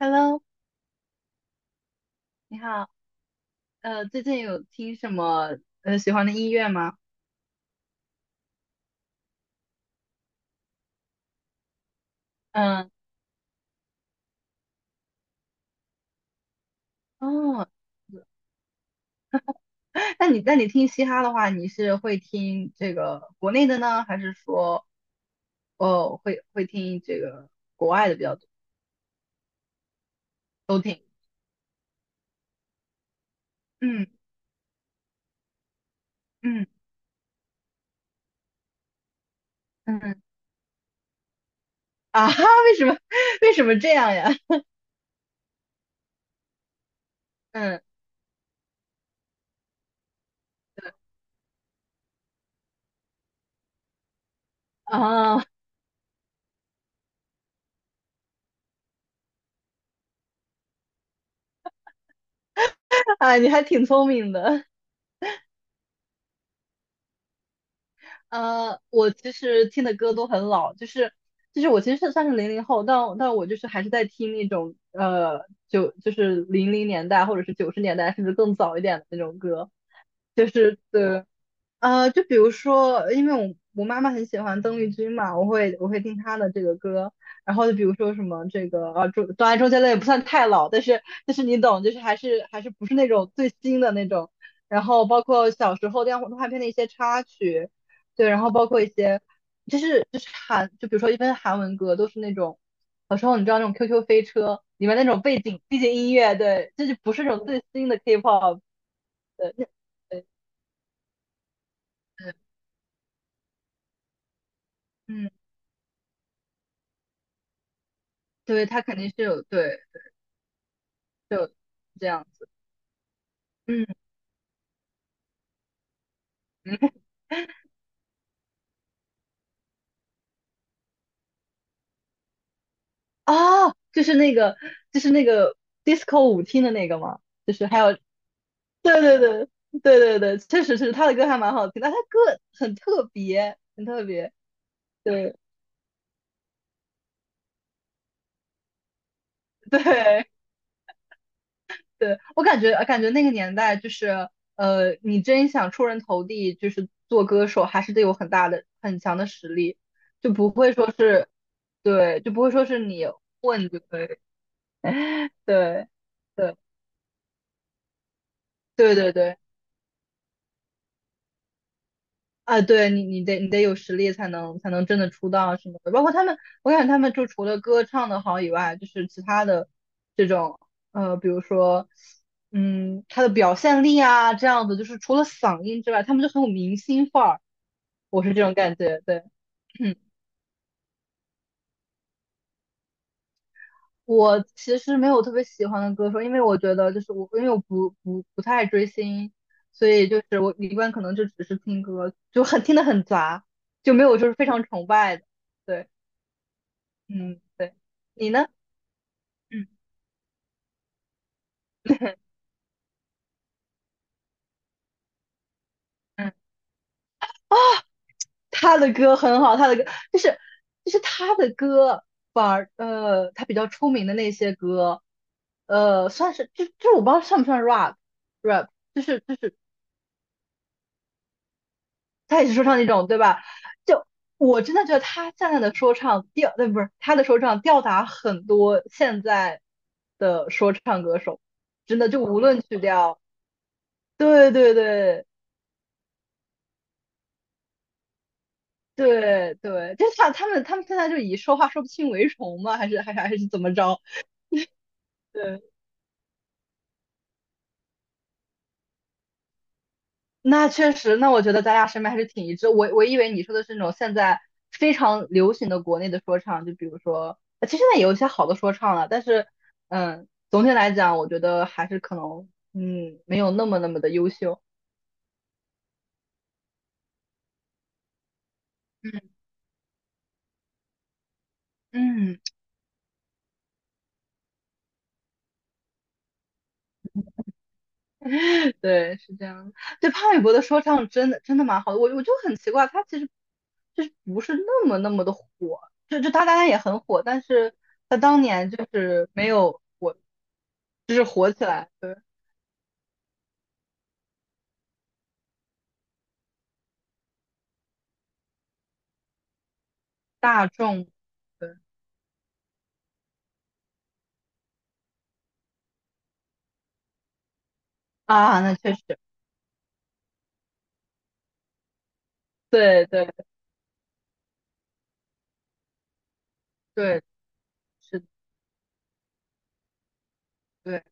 Hello，你好。最近有听什么喜欢的音乐吗？嗯，哦 那你听嘻哈的话，你是会听这个国内的呢，还是说哦会听这个国外的比较多？都听。嗯嗯嗯啊哈，为什么这样呀？嗯哦 啊，你还挺聪明的。我其实听的歌都很老，就是我其实是算是零零后，但我就是还是在听那种就是零零年代或者是九十年代甚至更早一点的那种歌，就是对就比如说，因为我妈妈很喜欢邓丽君嘛，我会听她的这个歌，然后就比如说什么这个当然周杰伦也不算太老，但是你懂，就是还是不是那种最新的那种，然后包括小时候动画片的一些插曲，对，然后包括一些就是就是韩，就比如说一般韩文歌都是那种，小时候你知道那种 QQ 飞车里面那种背景音乐，对，这就不是那种最新的 K-pop 的，那对，对嗯。对，他肯定是有，对，就这样子。嗯嗯，啊，就是那个 disco 舞厅的那个嘛，就是还有，对对对对对对，确实是他的歌还蛮好听，但他歌很特别，很特别。对对对，我感觉那个年代就是，你真想出人头地，就是做歌手，还是得有很大的、很强的实力，就不会说是，对，就不会说是你混就可以，对。对对对对，啊，对你得有实力才能真的出道什么的。包括他们，我感觉他们就除了歌唱的好以外，就是其他的这种比如说他的表现力啊这样子，就是除了嗓音之外，他们就很有明星范儿。我是这种感觉，对，我其实没有特别喜欢的歌手，因为我觉得就是我，因为我不太追星，所以就是我一般可能就只是听歌，就很听得很杂，就没有就是非常崇拜的。对，嗯，对，你呢？嗯 嗯，他的歌很好，他的歌就是就是他的歌，反而他比较出名的那些歌，算是就是我不知道算不算 rap，就是。他也是说唱那种，对吧？就我真的觉得他现在的说唱吊，对，不是他的说唱吊打很多现在的说唱歌手，真的就无论曲调，对对对对对，就像他们现在就以说话说不清为荣吗？还是怎么着？对那确实，那我觉得咱俩审美还是挺一致。我以为你说的是那种现在非常流行的国内的说唱，就比如说，其实现在也有一些好的说唱了，但是，总体来讲，我觉得还是可能，没有那么那么的优秀。嗯，嗯，对，是这样的对，潘玮柏的说唱真的真的蛮好的，我就很奇怪，他其实就是不是那么那么的火，就他当然也很火，但是他当年就是没有火，就是火起来。大众，对啊，那确实，对对对，是，的，对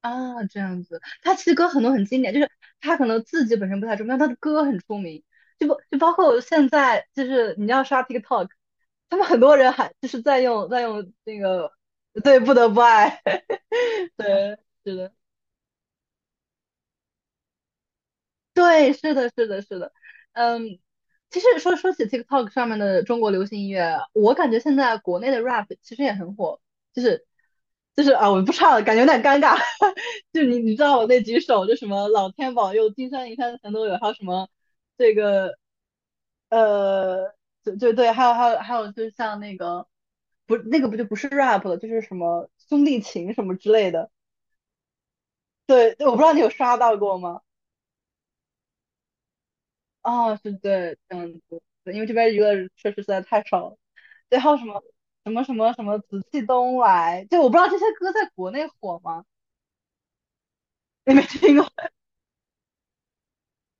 啊，这样子。他其实歌很多很经典，就是他可能自己本身不太出名，但他的歌很出名。就不就包括现在，就是你要刷 TikTok，他们很多人还就是在用那个，对，不得不爱，对，是的。对，是的，是的，是的，嗯，其实说起 TikTok 上面的中国流行音乐，我感觉现在国内的 rap 其实也很火，就是就是啊，我不唱了，感觉有点尴尬，就你知道我那几首，就什么老天保佑，金山银山全都有，还有什么这个呃，对对对，还有，就像那个不就不是 rap 了，就是什么兄弟情什么之类的，对，我不知道你有刷到过吗？哦，是对，这样子，对因为这边娱乐确实实在太少了。对，还有什么紫气东来，就我不知道这些歌在国内火吗？你没听过？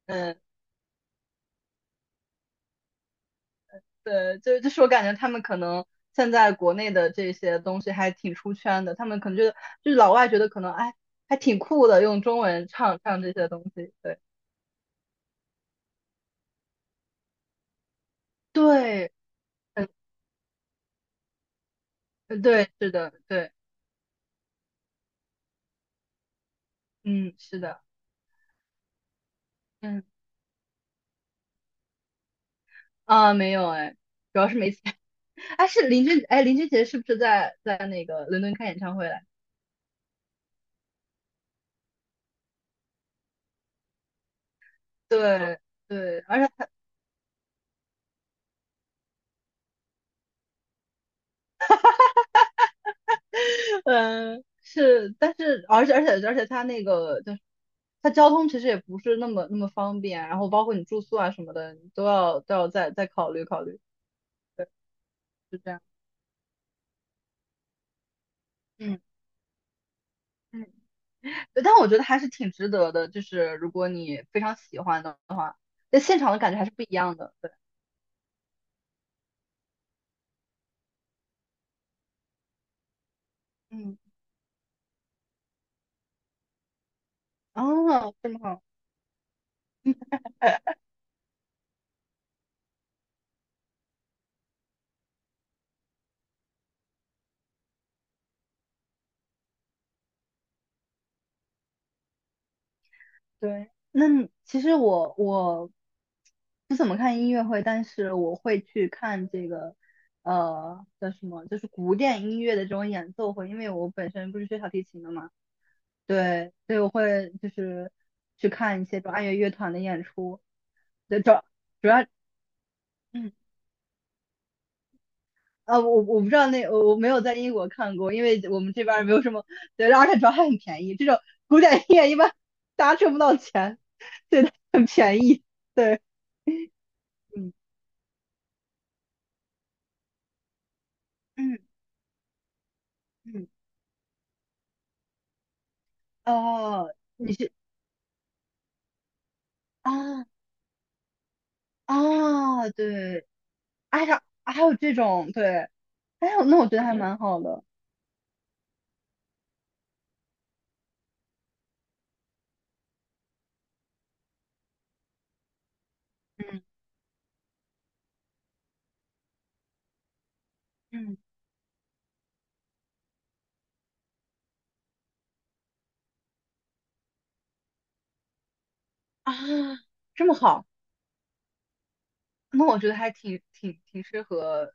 嗯，对，就是我感觉他们可能现在国内的这些东西还挺出圈的，他们可能觉得就是老外觉得可能哎还挺酷的，用中文唱唱这些东西。对对，嗯对，是的，对，嗯是的，嗯啊没有哎，主要是没钱。哎，是林俊杰是不是在那个伦敦开演唱会了？对对，而且他，嗯，是，但是而且他那个就是他交通其实也不是那么那么方便，然后包括你住宿啊什么的，你都要再考虑考虑。对，是这样。嗯嗯，对但我觉得还是挺值得的，就是如果你非常喜欢的，在现场的感觉还是不一样的。对，嗯，哦，这么好。对，那你其实我不怎么看音乐会，但是我会去看这个叫什么，就是古典音乐的这种演奏会，因为我本身不是学小提琴的嘛，对，所以我会就是去看一些这种爱乐乐团的演出。对，主要嗯我不知道那我没有在英国看过，因为我们这边儿没有什么，对，而且主要还很便宜，这种古典音乐一般大家挣不到钱，对，它很便宜，对，嗯嗯。嗯，哦，你是啊啊，对，啊，呀还有这种，对，哎呦，那我觉得还蛮好的，嗯嗯，啊，这么好，那我觉得还挺适合，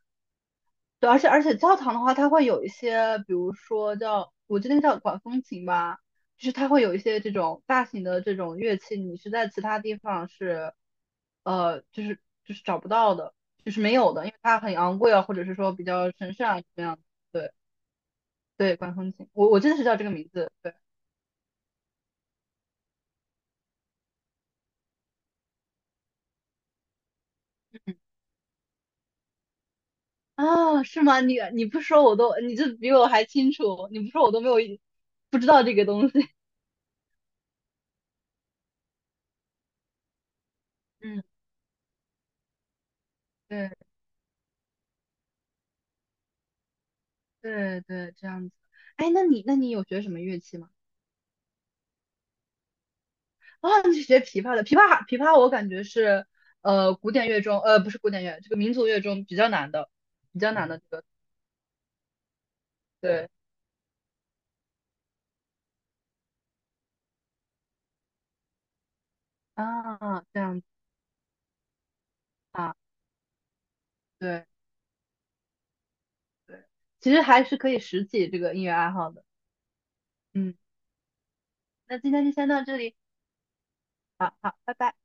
对，而且教堂的话，它会有一些，比如说叫，我记得那叫管风琴吧，就是它会有一些这种大型的这种乐器，你是在其他地方是，呃，就是就是找不到的，就是没有的，因为它很昂贵啊，或者是说比较神圣啊，怎么样的，对。对，管风琴，我真的是叫这个名字。对嗯，啊，是吗？你不说我都，你这比我还清楚，你不说我都没有不知道这个东西。嗯，对对对，这样子。哎，那你有学什么乐器吗？啊，你是学琵琶的，琵琶我感觉是古典乐中不是古典乐，这个民族乐中比较难的，比较难的这个。对啊，这样子啊，对对，其实还是可以拾起这个音乐爱好的。嗯，那今天就先到这里，好好，拜拜。